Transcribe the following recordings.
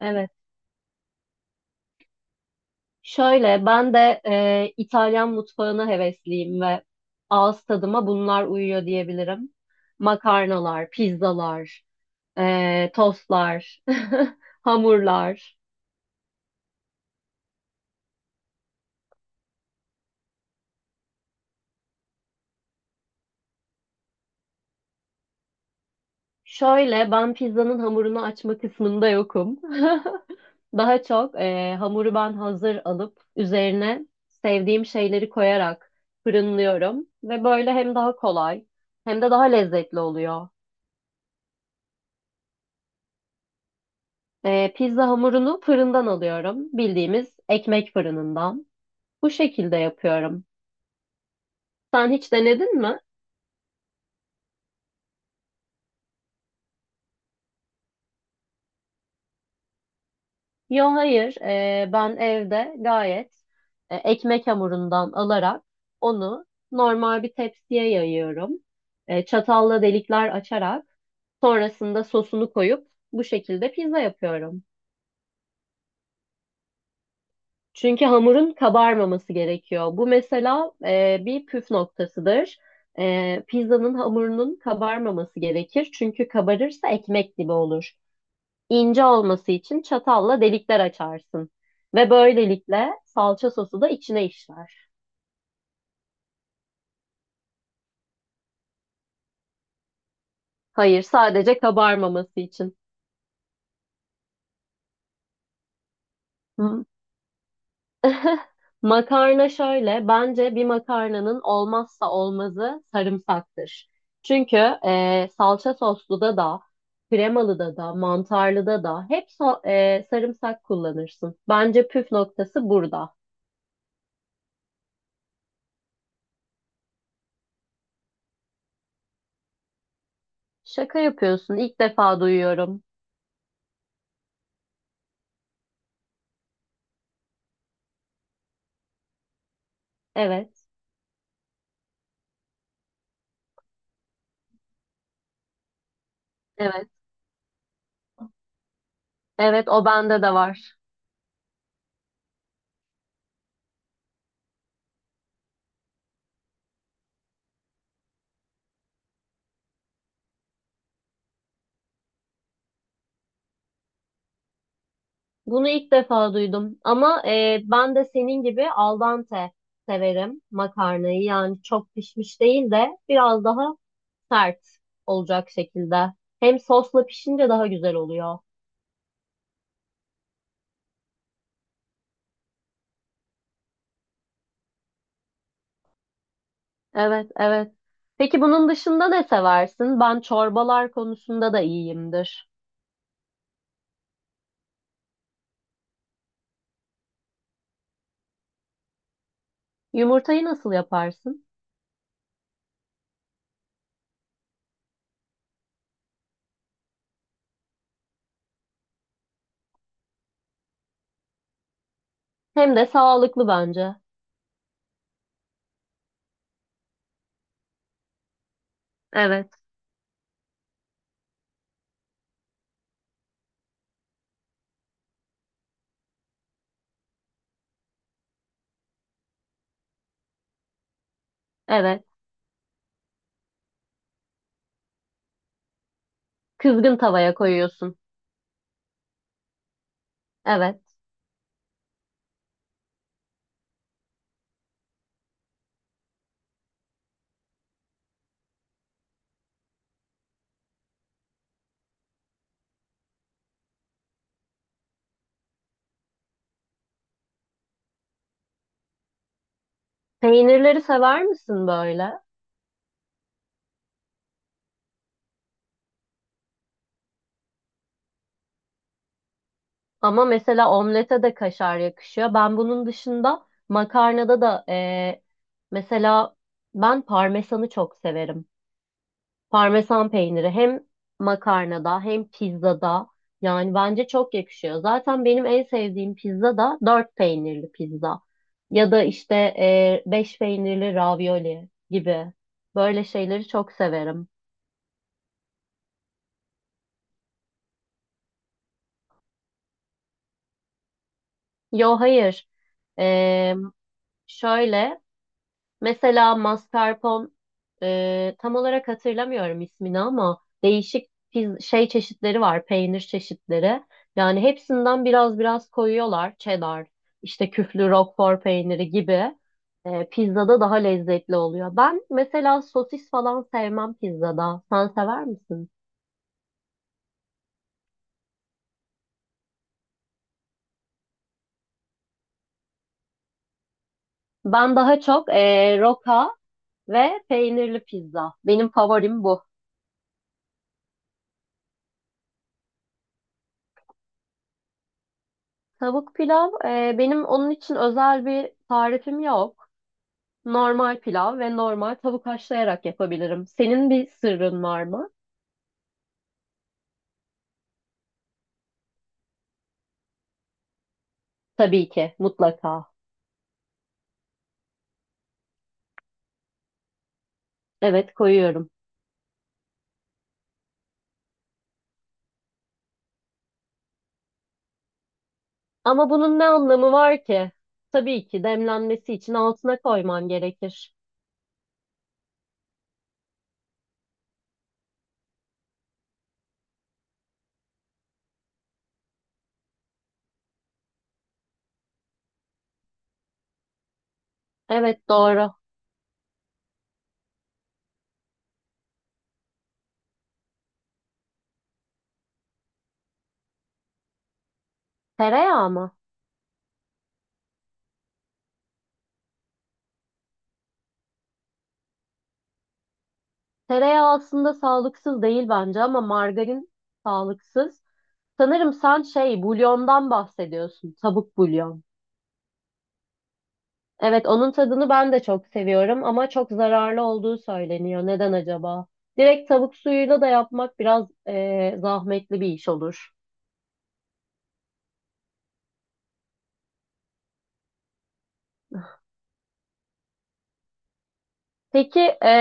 Evet. Şöyle ben de İtalyan mutfağına hevesliyim ve ağız tadıma bunlar uyuyor diyebilirim. Makarnalar, pizzalar, tostlar, hamurlar. Şöyle ben pizzanın hamurunu açma kısmında yokum. Daha çok hamuru ben hazır alıp üzerine sevdiğim şeyleri koyarak fırınlıyorum ve böyle hem daha kolay hem de daha lezzetli oluyor. Pizza hamurunu fırından alıyorum. Bildiğimiz ekmek fırınından. Bu şekilde yapıyorum. Sen hiç denedin mi? Yo hayır. Ben evde gayet ekmek hamurundan alarak onu normal bir tepsiye yayıyorum. Çatalla delikler açarak sonrasında sosunu koyup bu şekilde pizza yapıyorum. Çünkü hamurun kabarmaması gerekiyor. Bu mesela bir püf noktasıdır. Pizzanın hamurunun kabarmaması gerekir. Çünkü kabarırsa ekmek gibi olur. İnce olması için çatalla delikler açarsın. Ve böylelikle salça sosu da içine işler. Hayır, sadece kabarmaması için. Makarna şöyle, bence bir makarnanın olmazsa olmazı sarımsaktır. Çünkü salça soslu da da, kremalı da da, mantarlı da da hep sarımsak kullanırsın. Bence püf noktası burada. Şaka yapıyorsun, ilk defa duyuyorum. Evet, evet, evet, o bende de var. Bunu ilk defa duydum ama ben de senin gibi al dente severim makarnayı. Yani çok pişmiş değil de biraz daha sert olacak şekilde. Hem sosla pişince daha güzel oluyor. Evet, evet. Peki bunun dışında ne seversin? Ben çorbalar konusunda da iyiyimdir. Yumurtayı nasıl yaparsın? Hem de sağlıklı bence. Evet, evet. Kızgın tavaya koyuyorsun. Evet. Peynirleri sever misin böyle? Ama mesela omlete de kaşar yakışıyor. Ben bunun dışında makarnada da mesela ben parmesanı çok severim. Parmesan peyniri hem makarnada hem pizzada yani bence çok yakışıyor. Zaten benim en sevdiğim pizza da dört peynirli pizza ya da işte beş peynirli ravioli gibi böyle şeyleri çok severim. Yo hayır. E, Şöyle, mesela mascarpone, tam olarak hatırlamıyorum ismini ama değişik şey çeşitleri var, peynir çeşitleri. Yani hepsinden biraz biraz koyuyorlar. Cheddar, işte küflü Roquefort peyniri gibi. Pizzada daha lezzetli oluyor. Ben mesela sosis falan sevmem pizzada. Sen sever misin? Ben daha çok roka ve peynirli pizza. Benim favorim bu. Tavuk pilav, benim onun için özel bir tarifim yok. Normal pilav ve normal tavuk haşlayarak yapabilirim. Senin bir sırrın var mı? Tabii ki, mutlaka. Evet, koyuyorum. Ama bunun ne anlamı var ki? Tabii ki demlenmesi için altına koyman gerekir. Evet, doğru. Tereyağı mı? Tereyağı aslında sağlıksız değil bence ama margarin sağlıksız. Sanırım sen şey, bulyondan bahsediyorsun. Tavuk bulyon. Evet, onun tadını ben de çok seviyorum ama çok zararlı olduğu söyleniyor. Neden acaba? Direkt tavuk suyuyla da yapmak biraz zahmetli bir iş olur. Peki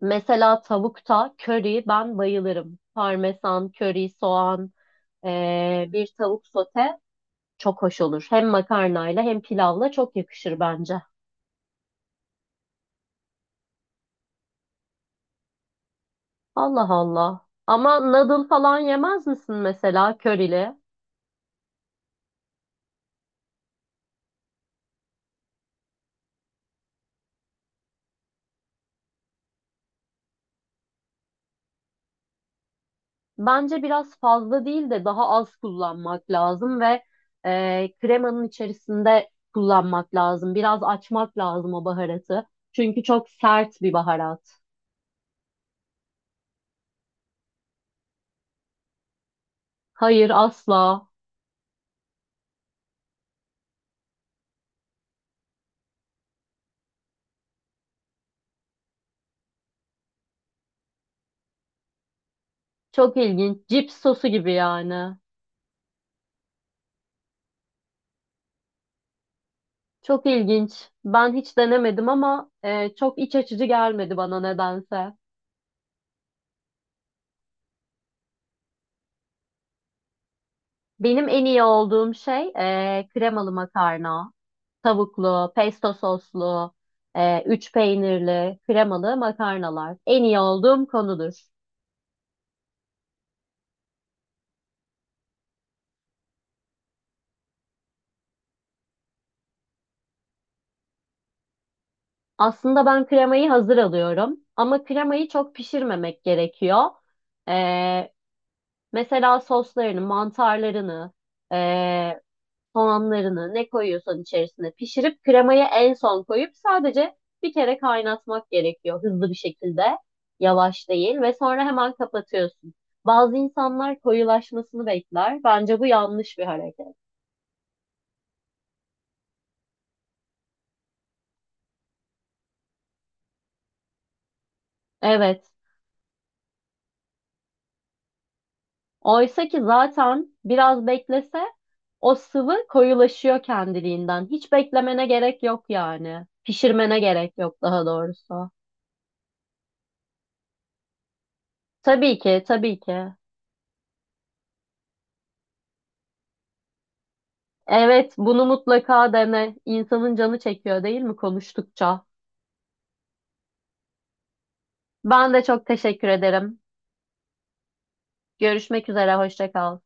mesela tavukta köri ben bayılırım. Parmesan, köri, soğan, bir tavuk sote çok hoş olur. Hem makarnayla hem pilavla çok yakışır bence. Allah Allah. Ama noodle falan yemez misin mesela körili? Bence biraz fazla değil de daha az kullanmak lazım ve kremanın içerisinde kullanmak lazım. Biraz açmak lazım o baharatı. Çünkü çok sert bir baharat. Hayır asla. Çok ilginç. Cips sosu gibi yani. Çok ilginç. Ben hiç denemedim ama çok iç açıcı gelmedi bana nedense. Benim en iyi olduğum şey kremalı makarna, tavuklu, pesto soslu, üç peynirli, kremalı makarnalar. En iyi olduğum konudur. Aslında ben kremayı hazır alıyorum ama kremayı çok pişirmemek gerekiyor. E, Mesela soslarını, mantarlarını, soğanlarını ne koyuyorsan içerisine pişirip kremayı en son koyup sadece bir kere kaynatmak gerekiyor hızlı bir şekilde. Yavaş değil ve sonra hemen kapatıyorsun. Bazı insanlar koyulaşmasını bekler. Bence bu yanlış bir hareket. Evet. Oysa ki zaten biraz beklese o sıvı koyulaşıyor kendiliğinden. Hiç beklemene gerek yok yani. Pişirmene gerek yok daha doğrusu. Tabii ki, tabii ki. Evet, bunu mutlaka dene. İnsanın canı çekiyor değil mi konuştukça? Ben de çok teşekkür ederim. Görüşmek üzere, hoşça kal.